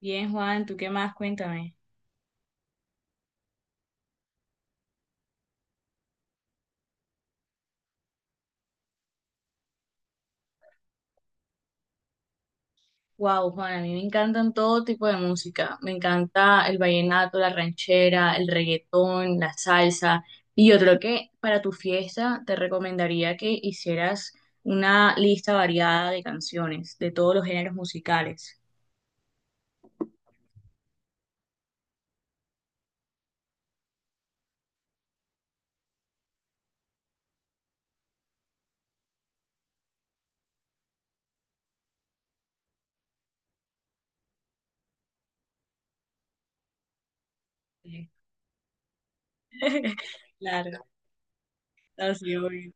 Bien, Juan, ¿tú qué más? Cuéntame. Wow, Juan, a mí me encantan todo tipo de música. Me encanta el vallenato, la ranchera, el reggaetón, la salsa. Y yo creo que para tu fiesta te recomendaría que hicieras una lista variada de canciones de todos los géneros musicales. Claro, así obvio.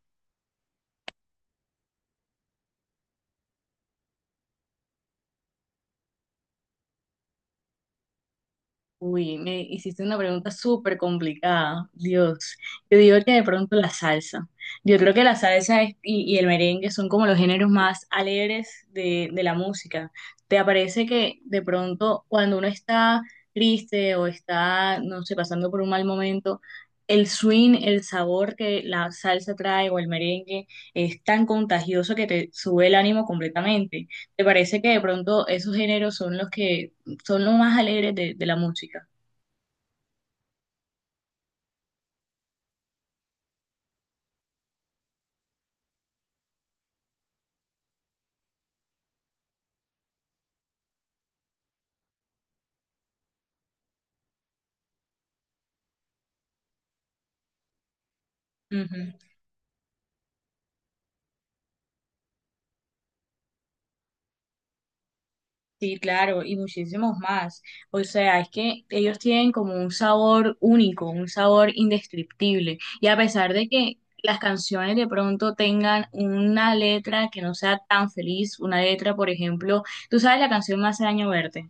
Uy, me hiciste una pregunta súper complicada. Dios, yo digo que de pronto la salsa. Yo creo que la salsa y el merengue son como los géneros más alegres de la música. ¿Te parece que de pronto cuando uno está triste o está, no sé, pasando por un mal momento, el swing, el sabor que la salsa trae o el merengue es tan contagioso que te sube el ánimo completamente? ¿Te parece que de pronto esos géneros son los que son los más alegres de la música? Ujú. Sí, claro, y muchísimos más. O sea, es que ellos tienen como un sabor único, un sabor indescriptible. Y a pesar de que las canciones de pronto tengan una letra que no sea tan feliz, una letra, por ejemplo, tú sabes la canción Me hace daño verte.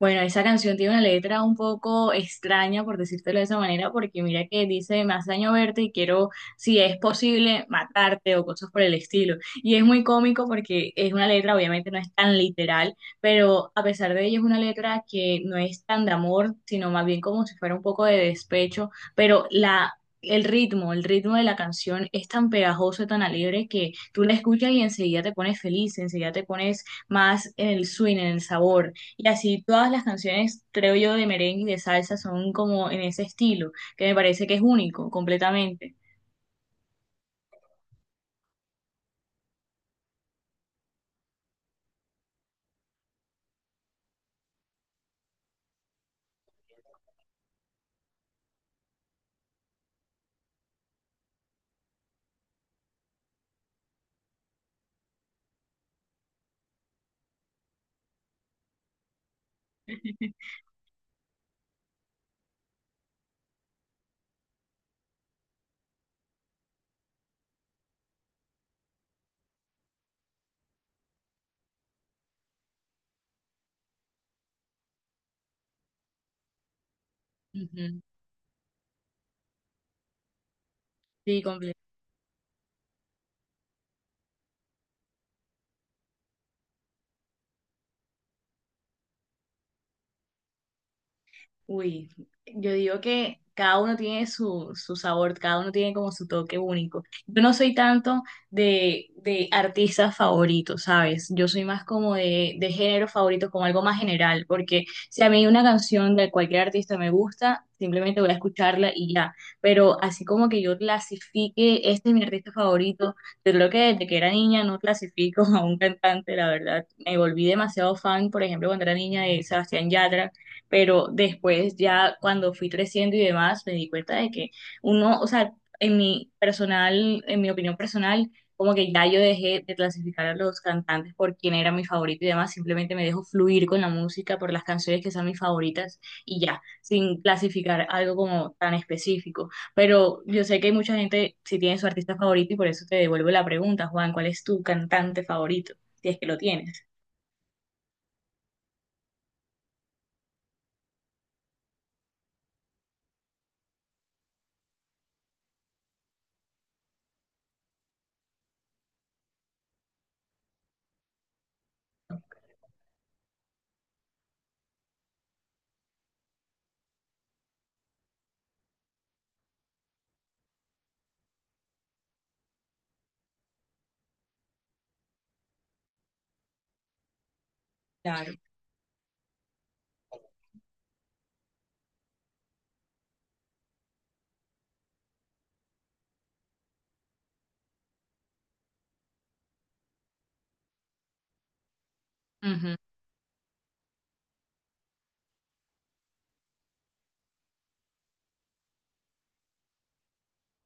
Bueno, esa canción tiene una letra un poco extraña, por decírtelo de esa manera, porque mira que dice, me hace daño verte y quiero, si es posible, matarte o cosas por el estilo. Y es muy cómico porque es una letra, obviamente no es tan literal, pero a pesar de ello es una letra que no es tan de amor, sino más bien como si fuera un poco de despecho, pero la... El ritmo de la canción es tan pegajoso, tan alegre que tú la escuchas y enseguida te pones feliz, enseguida te pones más en el swing, en el sabor. Y así todas las canciones, creo yo, de merengue y de salsa son como en ese estilo, que me parece que es único, completamente. Ujú. Sí, uy, yo digo que cada uno tiene su sabor, cada uno tiene como su toque único. Yo no soy tanto de artistas favoritos, ¿sabes? Yo soy más como de género favorito, como algo más general, porque si a mí una canción de cualquier artista me gusta, simplemente voy a escucharla y ya. Pero así como que yo clasifique, este es mi artista favorito, yo creo que desde que era niña no clasifico a un cantante, la verdad. Me volví demasiado fan, por ejemplo, cuando era niña de Sebastián Yatra, pero después ya cuando fui creciendo y demás, me di cuenta de que uno, o sea, en mi personal, en mi opinión personal, como que ya yo dejé de clasificar a los cantantes por quién era mi favorito y demás, simplemente me dejo fluir con la música por las canciones que sean mis favoritas y ya, sin clasificar algo como tan específico. Pero yo sé que hay mucha gente si tiene su artista favorito y por eso te devuelvo la pregunta, Juan, ¿cuál es tu cantante favorito? Si es que lo tienes. Claro.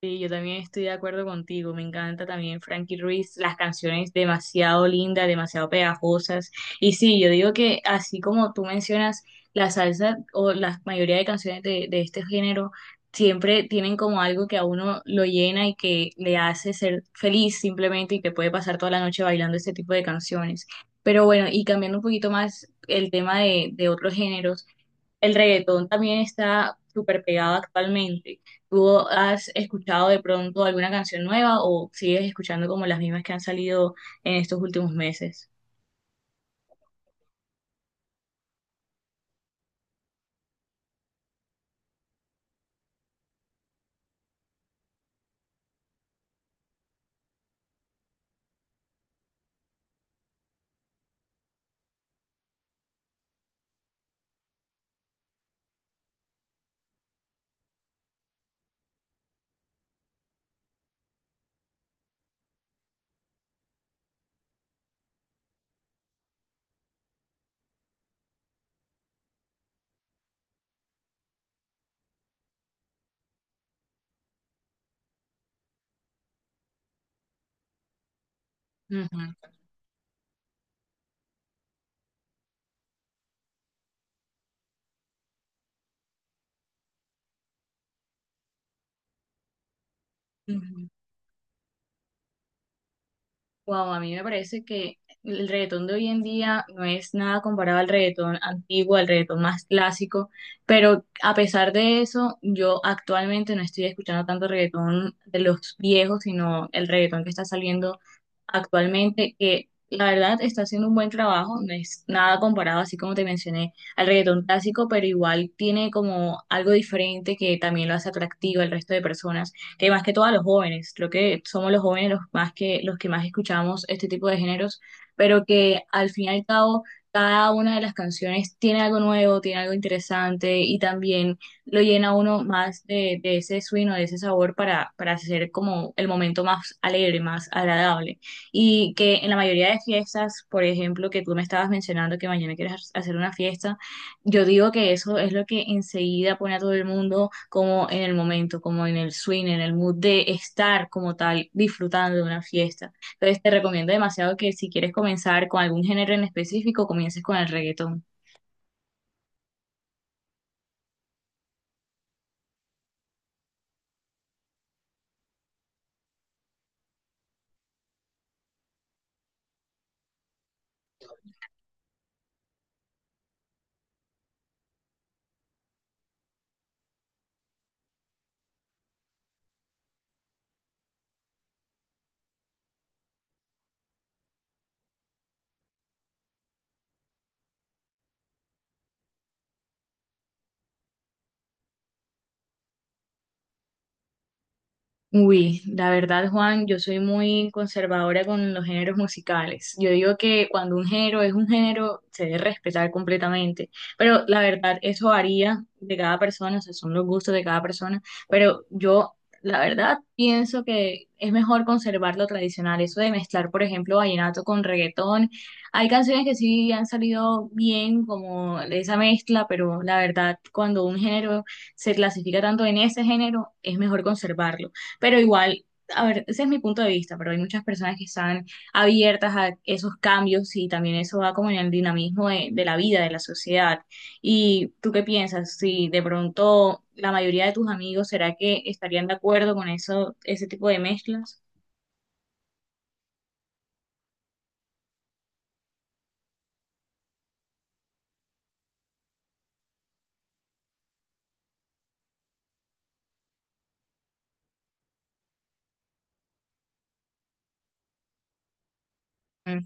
Sí, yo también estoy de acuerdo contigo. Me encanta también Frankie Ruiz, las canciones demasiado lindas, demasiado pegajosas. Y sí, yo digo que así como tú mencionas, la salsa o la mayoría de canciones de este género siempre tienen como algo que a uno lo llena y que le hace ser feliz simplemente y que puede pasar toda la noche bailando este tipo de canciones. Pero bueno, y cambiando un poquito más el tema de otros géneros. El reggaetón también está súper pegado actualmente. ¿Tú has escuchado de pronto alguna canción nueva o sigues escuchando como las mismas que han salido en estos últimos meses? Wow, a mí me parece que el reggaetón de hoy en día no es nada comparado al reggaetón antiguo, al reggaetón más clásico, pero a pesar de eso, yo actualmente no estoy escuchando tanto reggaetón de los viejos, sino el reggaetón que está saliendo actualmente, que la verdad está haciendo un buen trabajo, no es nada comparado, así como te mencioné, al reggaetón clásico, pero igual tiene como algo diferente que también lo hace atractivo al resto de personas, que más que todo a los jóvenes, creo que somos los jóvenes los más que, los que más escuchamos este tipo de géneros, pero que al fin y al cabo cada una de las canciones tiene algo nuevo, tiene algo interesante y también lo llena a uno más de ese swing o de ese sabor para hacer como el momento más alegre, más agradable y que en la mayoría de fiestas, por ejemplo, que tú me estabas mencionando que mañana quieres hacer una fiesta, yo digo que eso es lo que enseguida pone a todo el mundo como en el momento, como en el swing, en el mood de estar como tal disfrutando de una fiesta. Entonces te recomiendo demasiado que si quieres comenzar con algún género en específico, comiences con el reggaetón. Uy, la verdad, Juan, yo soy muy conservadora con los géneros musicales. Yo digo que cuando un género es un género, se debe respetar completamente. Pero la verdad, eso varía de cada persona, o sea, son los gustos de cada persona. Pero yo, la verdad, pienso que es mejor conservar lo tradicional. Eso de mezclar, por ejemplo, vallenato con reggaetón. Hay canciones que sí han salido bien, como esa mezcla, pero la verdad, cuando un género se clasifica tanto en ese género, es mejor conservarlo. Pero igual, a ver, ese es mi punto de vista, pero hay muchas personas que están abiertas a esos cambios y también eso va como en el dinamismo de la vida, de la sociedad. ¿Y tú qué piensas? Si de pronto la mayoría de tus amigos, ¿será que estarían de acuerdo con eso, ese tipo de mezclas? Mm,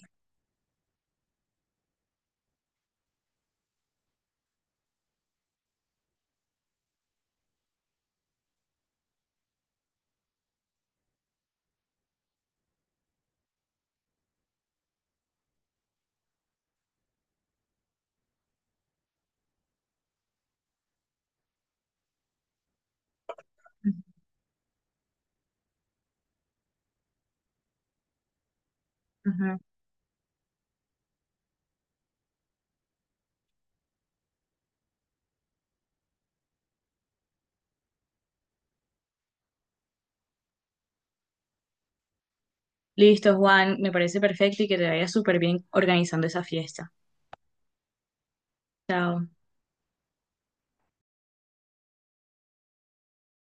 ujú. Listo, Juan, me parece perfecto y que te vaya súper bien organizando esa fiesta. Chao.